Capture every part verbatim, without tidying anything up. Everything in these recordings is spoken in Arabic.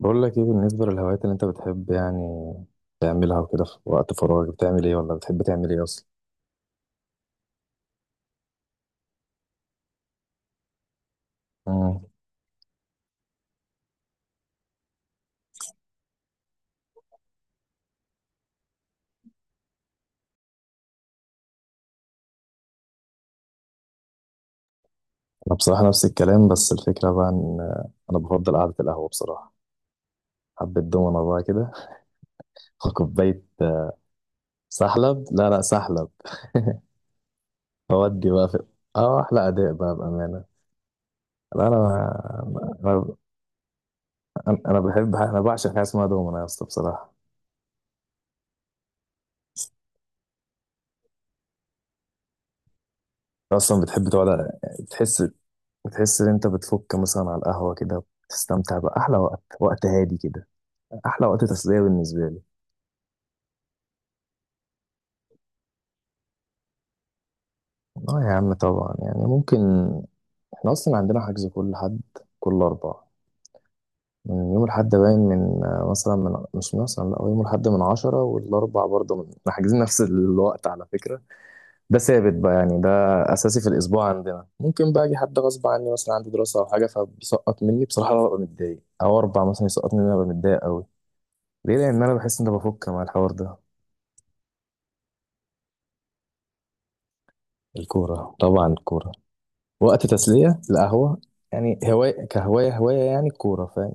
بقول لك ايه بالنسبة للهوايات اللي انت بتحب يعني تعملها وكده في وقت فراغك؟ بتعمل ايه ولا بتحب تعمل ايه اصلا؟ مم. انا بصراحة نفس الكلام، بس الفكرة بقى ان انا بفضل قعدة القهوة بصراحة، حبة دومنة بقى كده وكوباية سحلب، لا لا سحلب، اودي بقى في اه احلى اداء بقى بامانه. لا، انا انا انا بحب انا بعشق حاجه اسمها دومنه يا اسطى بصراحه. أنت اصلا بتحب تقعد، تحس بتحس ان انت بتفك مثلا على القهوة كده، بتستمتع بأحلى وقت وقت هادي كده. أحلى وقت تسلية بالنسبة لي. اه يا عم طبعا يعني ممكن، احنا أصلا عندنا حجز كل حد كل أربعة من يوم الحد، باين من آه، مثلا من مش مثلا لا، هو يوم الحد من عشرة والأربع برضه من احنا حاجزين نفس الوقت على فكرة. ده ثابت بقى يعني، ده أساسي في الأسبوع عندنا. ممكن بقى أجي حد غصب عني مثلا عندي دراسة أو حاجة، فبيسقط مني، بصراحة أنا ببقى متضايق، أو أربعة مثلا يسقط مني أنا ببقى متضايق أوي. ليه؟ لأن أنا بحس إن أنا بفك مع الحوار ده. الكورة طبعا الكورة، وقت تسلية القهوة، يعني هواية كهواية هواية يعني الكورة، فاهم.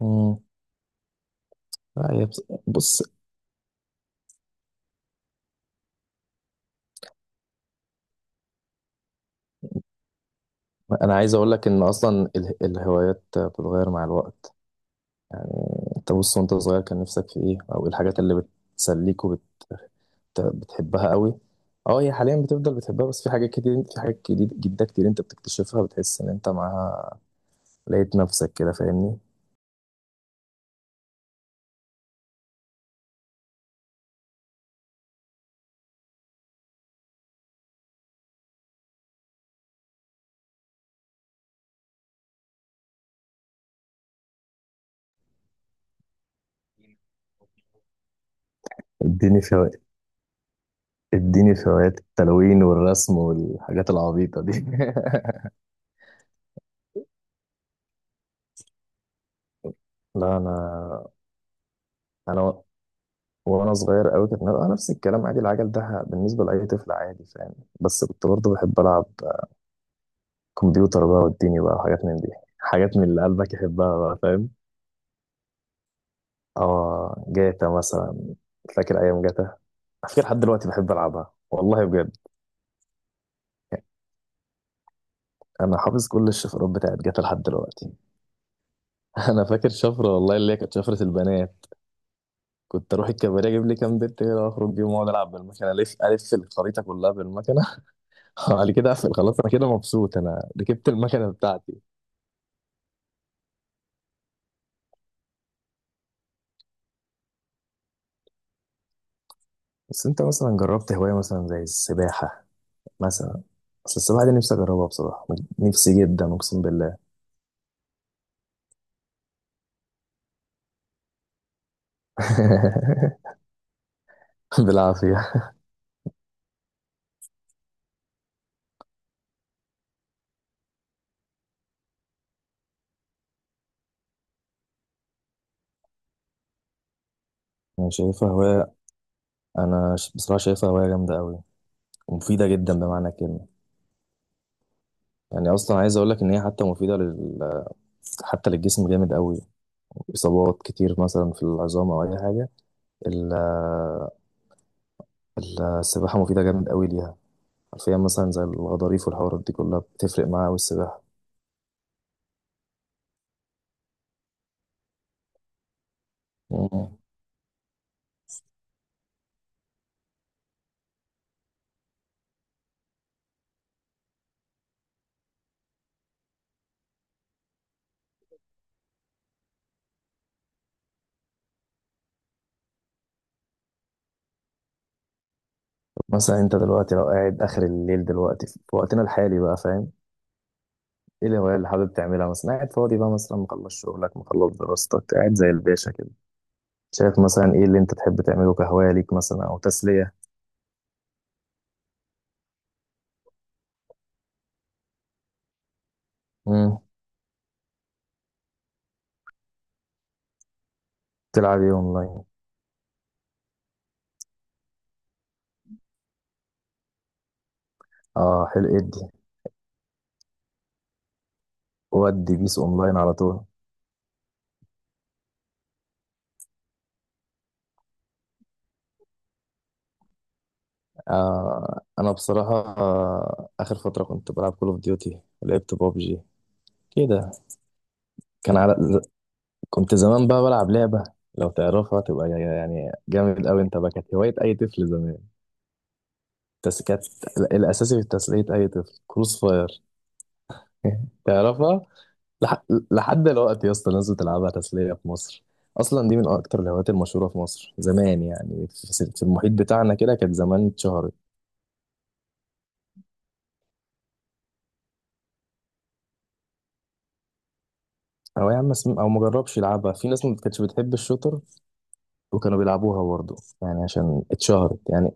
مم. لا، هي بص بص، أنا عايز أقول لك إن أصلا ال- الهوايات بتتغير مع الوقت. أنت بص، وأنت صغير كان نفسك في إيه أو إيه الحاجات اللي بتسليك وبتحبها قوي؟ أه هي حاليا بتفضل بتحبها، بس في حاجات كتير في حاجات كتير جدا كتير أنت بتكتشفها، بتحس إن أنت معاها لقيت نفسك كده، فاهمني. اديني في هوايات اديني في هوايات التلوين والرسم والحاجات العبيطة دي. لا، انا انا و- وانا صغير قوي كانت نبقى نفس الكلام عادي، العجل ده بالنسبه لاي طفل عادي فاهم. بس كنت برضه بحب العب كمبيوتر بقى والدنيا بقى وحاجات من دي، حاجات من اللي قلبك يحبها بقى فاهم. اه جاتا مثلا، فاكر ايام جاتا، على فكره لحد دلوقتي بحب العبها والله بجد. انا حافظ كل الشفرات بتاعت جاتا لحد دلوقتي. انا فاكر شفره والله اللي هي كانت شفره البنات، كنت اروح الكباريه اجيب لي كام بنت كده واخرج بيهم واقعد العب بالمكنه الف الف الخريطه كلها بالمكنه. على كده اقفل، خلاص انا كده مبسوط، انا ركبت المكنه بتاعتي. بس انت مثلا جربت هوايه مثلا زي السباحه مثلا؟ بس السباحه دي نفسي اجربها بصراحه، نفسي جدا اقسم بالله. بالعافيه. انا شايفها هوايه، انا ش- بصراحه شايفها هوايه جامده قوي ومفيده جدا بمعنى الكلمه. يعني اصلا عايز اقول لك ان هي حتى مفيده لل... حتى للجسم جامد قوي. اصابات كتير مثلا في العظام او اي حاجه، ال... السباحه مفيده جامد قوي ليها، حرفيا مثلا زي الغضاريف والحوارات دي كلها بتفرق معاه والسباحة. مم. مثلا انت دلوقتي لو قاعد اخر الليل دلوقتي في وقتنا الحالي بقى فاهم، ايه الهواية اللي حابب تعملها مثلا؟ قاعد فاضي بقى مثلا، مخلص شغلك، مخلص دراستك، قاعد زي الباشا كده، شايف مثلا ايه اللي انت تحب تعمله كهواية ليك مثلا او تسلية؟ مم. تلعب ايه اونلاين؟ اه حلو. ادي ودي بيس اونلاين على طول. آه انا بصراحة آه اخر فترة كنت بلعب كول اوف ديوتي، لعبت بابجي كده. كان على كنت زمان بقى بلعب لعبة، لو تعرفها تبقى يعني جامد أوي أنت بقى، كانت هواية أي طفل زمان. بس كانت الأساسي في تسلية أي طفل، كروس فاير. تعرفها؟ لح... لحد دلوقتي يا اسطى الناس بتلعبها تسلية في مصر. أصلا دي من أكتر الهوايات المشهورة في مصر زمان، يعني في في المحيط بتاعنا كده كانت زمان اتشهرت. أو يا عم اسم- أو مجربش يلعبها، في ناس ما كانتش بتحب الشوتر وكانوا بيلعبوها برضه يعني، عشان اتشهرت يعني.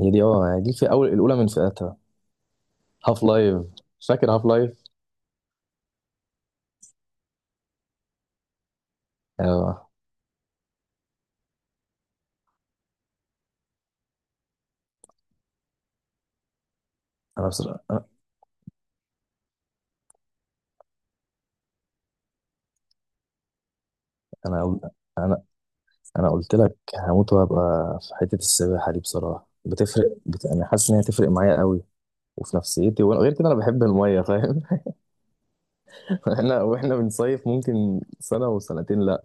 هي دي اه هي دي في أول، الأولى من فئتها. هاف لايف، فاكر هاف لايف. اه انا بصراحة انا انا انا أنا قلت لك، هموت وهبقى في حتة السباحة دي بصراحة، بتفرق بت... انا حاسس ان هي تفرق معايا قوي وفي نفسيتي، وانا غير كده انا بحب المية فاهم. احنا واحنا بنصيف ممكن سنة وسنتين، لا،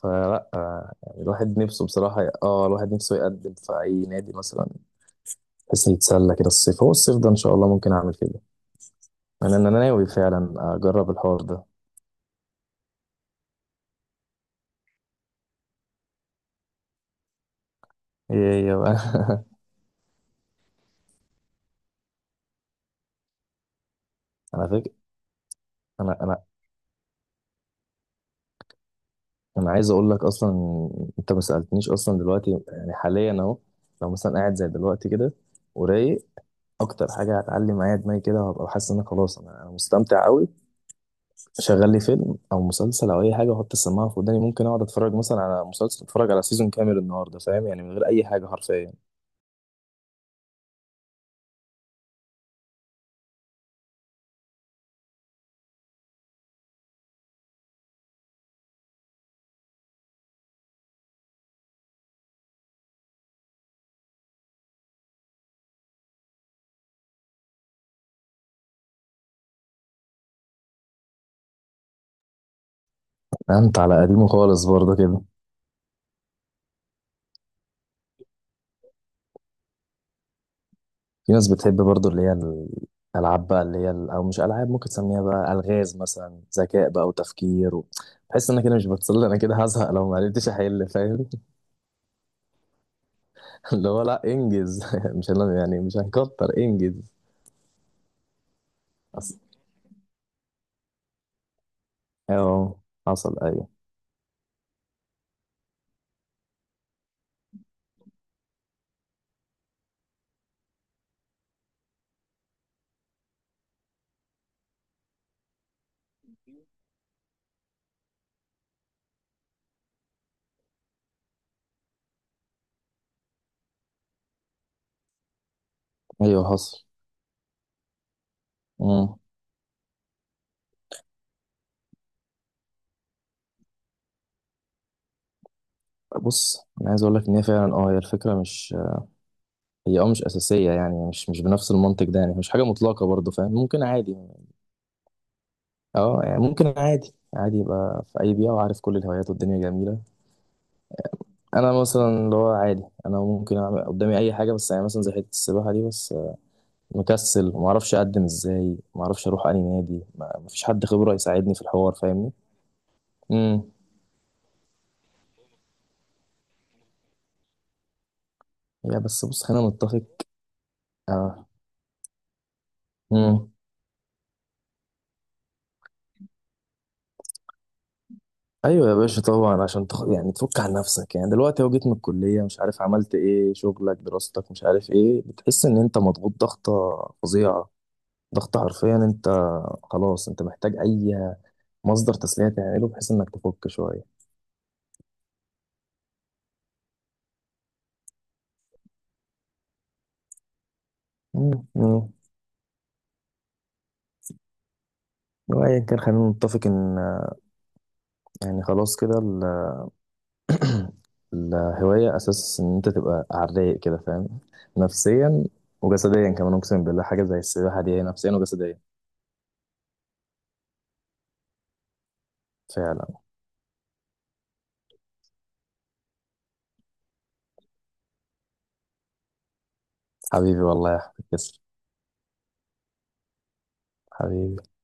فلا، آه، يعني الواحد نفسه بصراحة، ي- اه الواحد نفسه يقدم في اي نادي مثلا، بحيث يتسلى كده الصيف. هو الصيف ده ان شاء الله ممكن اعمل كده، انا انا ناوي فعلا اجرب الحوار ده. ايه ايه؟ أنا فاكر انا انا انا عايز اقول لك اصلا، انت ما سالتنيش اصلا دلوقتي يعني حاليا اهو، لو مثلا قاعد زي دلوقتي كده ورايق، اكتر حاجه هتعلي معايا دماغي كده وهبقى حاسس ان أنا خلاص، انا أنا مستمتع قوي. شغل لي فيلم او مسلسل او اي حاجه واحط السماعه في وداني، ممكن اقعد اتفرج مثلا على مسلسل، اتفرج على سيزون كامل النهارده فاهم يعني، من غير اي حاجه حرفيا. انت على قديمه خالص برضه كده. في ناس بتحب برضو اللي هي الألعاب بقى، اللي هي ال- أو مش ألعاب ممكن تسميها بقى ألغاز مثلا، ذكاء بقى وتفكير و... بحس إن أنا كده مش بتصل، أنا كده هزهق لو ما عرفتش أحل فاهم. اللي هو لأ إنجز، مش هن- يعني مش هنكتر إنجز. أصل، أه حصل، أيوه أيوه حصل. مم. بص أنا عايز أقول لك إن هي فعلا، أه هي الفكرة مش، هي أه مش أساسية، يعني مش مش بنفس المنطق ده، يعني مش حاجة مطلقة برضو فاهم ممكن عادي. أه يعني ممكن عادي عادي يبقى في أي بيئة، وعارف كل الهوايات والدنيا جميلة. انا مثلا اللي هو عادي، انا ممكن اعمل قدامي اي حاجه، بس يعني مثلا زي حته السباحه دي بس، آه، مكسل وما اعرفش اقدم ازاي، ما اعرفش اروح اي نادي، ما فيش حد خبره يساعدني في الحوار فاهمني. امم يا بس بص خلينا نتفق. اه. امم. ايوه يا باشا طبعا، عشان تخ... يعني تفك عن نفسك، يعني دلوقتي اهو جيت من الكليه مش عارف عملت ايه، شغلك دراستك مش عارف ايه، بتحس ان انت مضغوط ضغطه فظيعه، ضغط حرفيا انت، خلاص انت محتاج اي مصدر تسليه تعمله بحيث انك تفك شويه. مم. مم. وايا كان خلينا نتفق ان، آه، يعني خلاص كده ال- الهوايه اساس ان انت تبقى على الرايق كده فاهم، نفسيا. وجسديا كمان اقسم بالله، حاجه زي السباحه دي هي نفسيا وجسديا، فعلا. حبيبي والله يا احمد، تسلم حبيبي.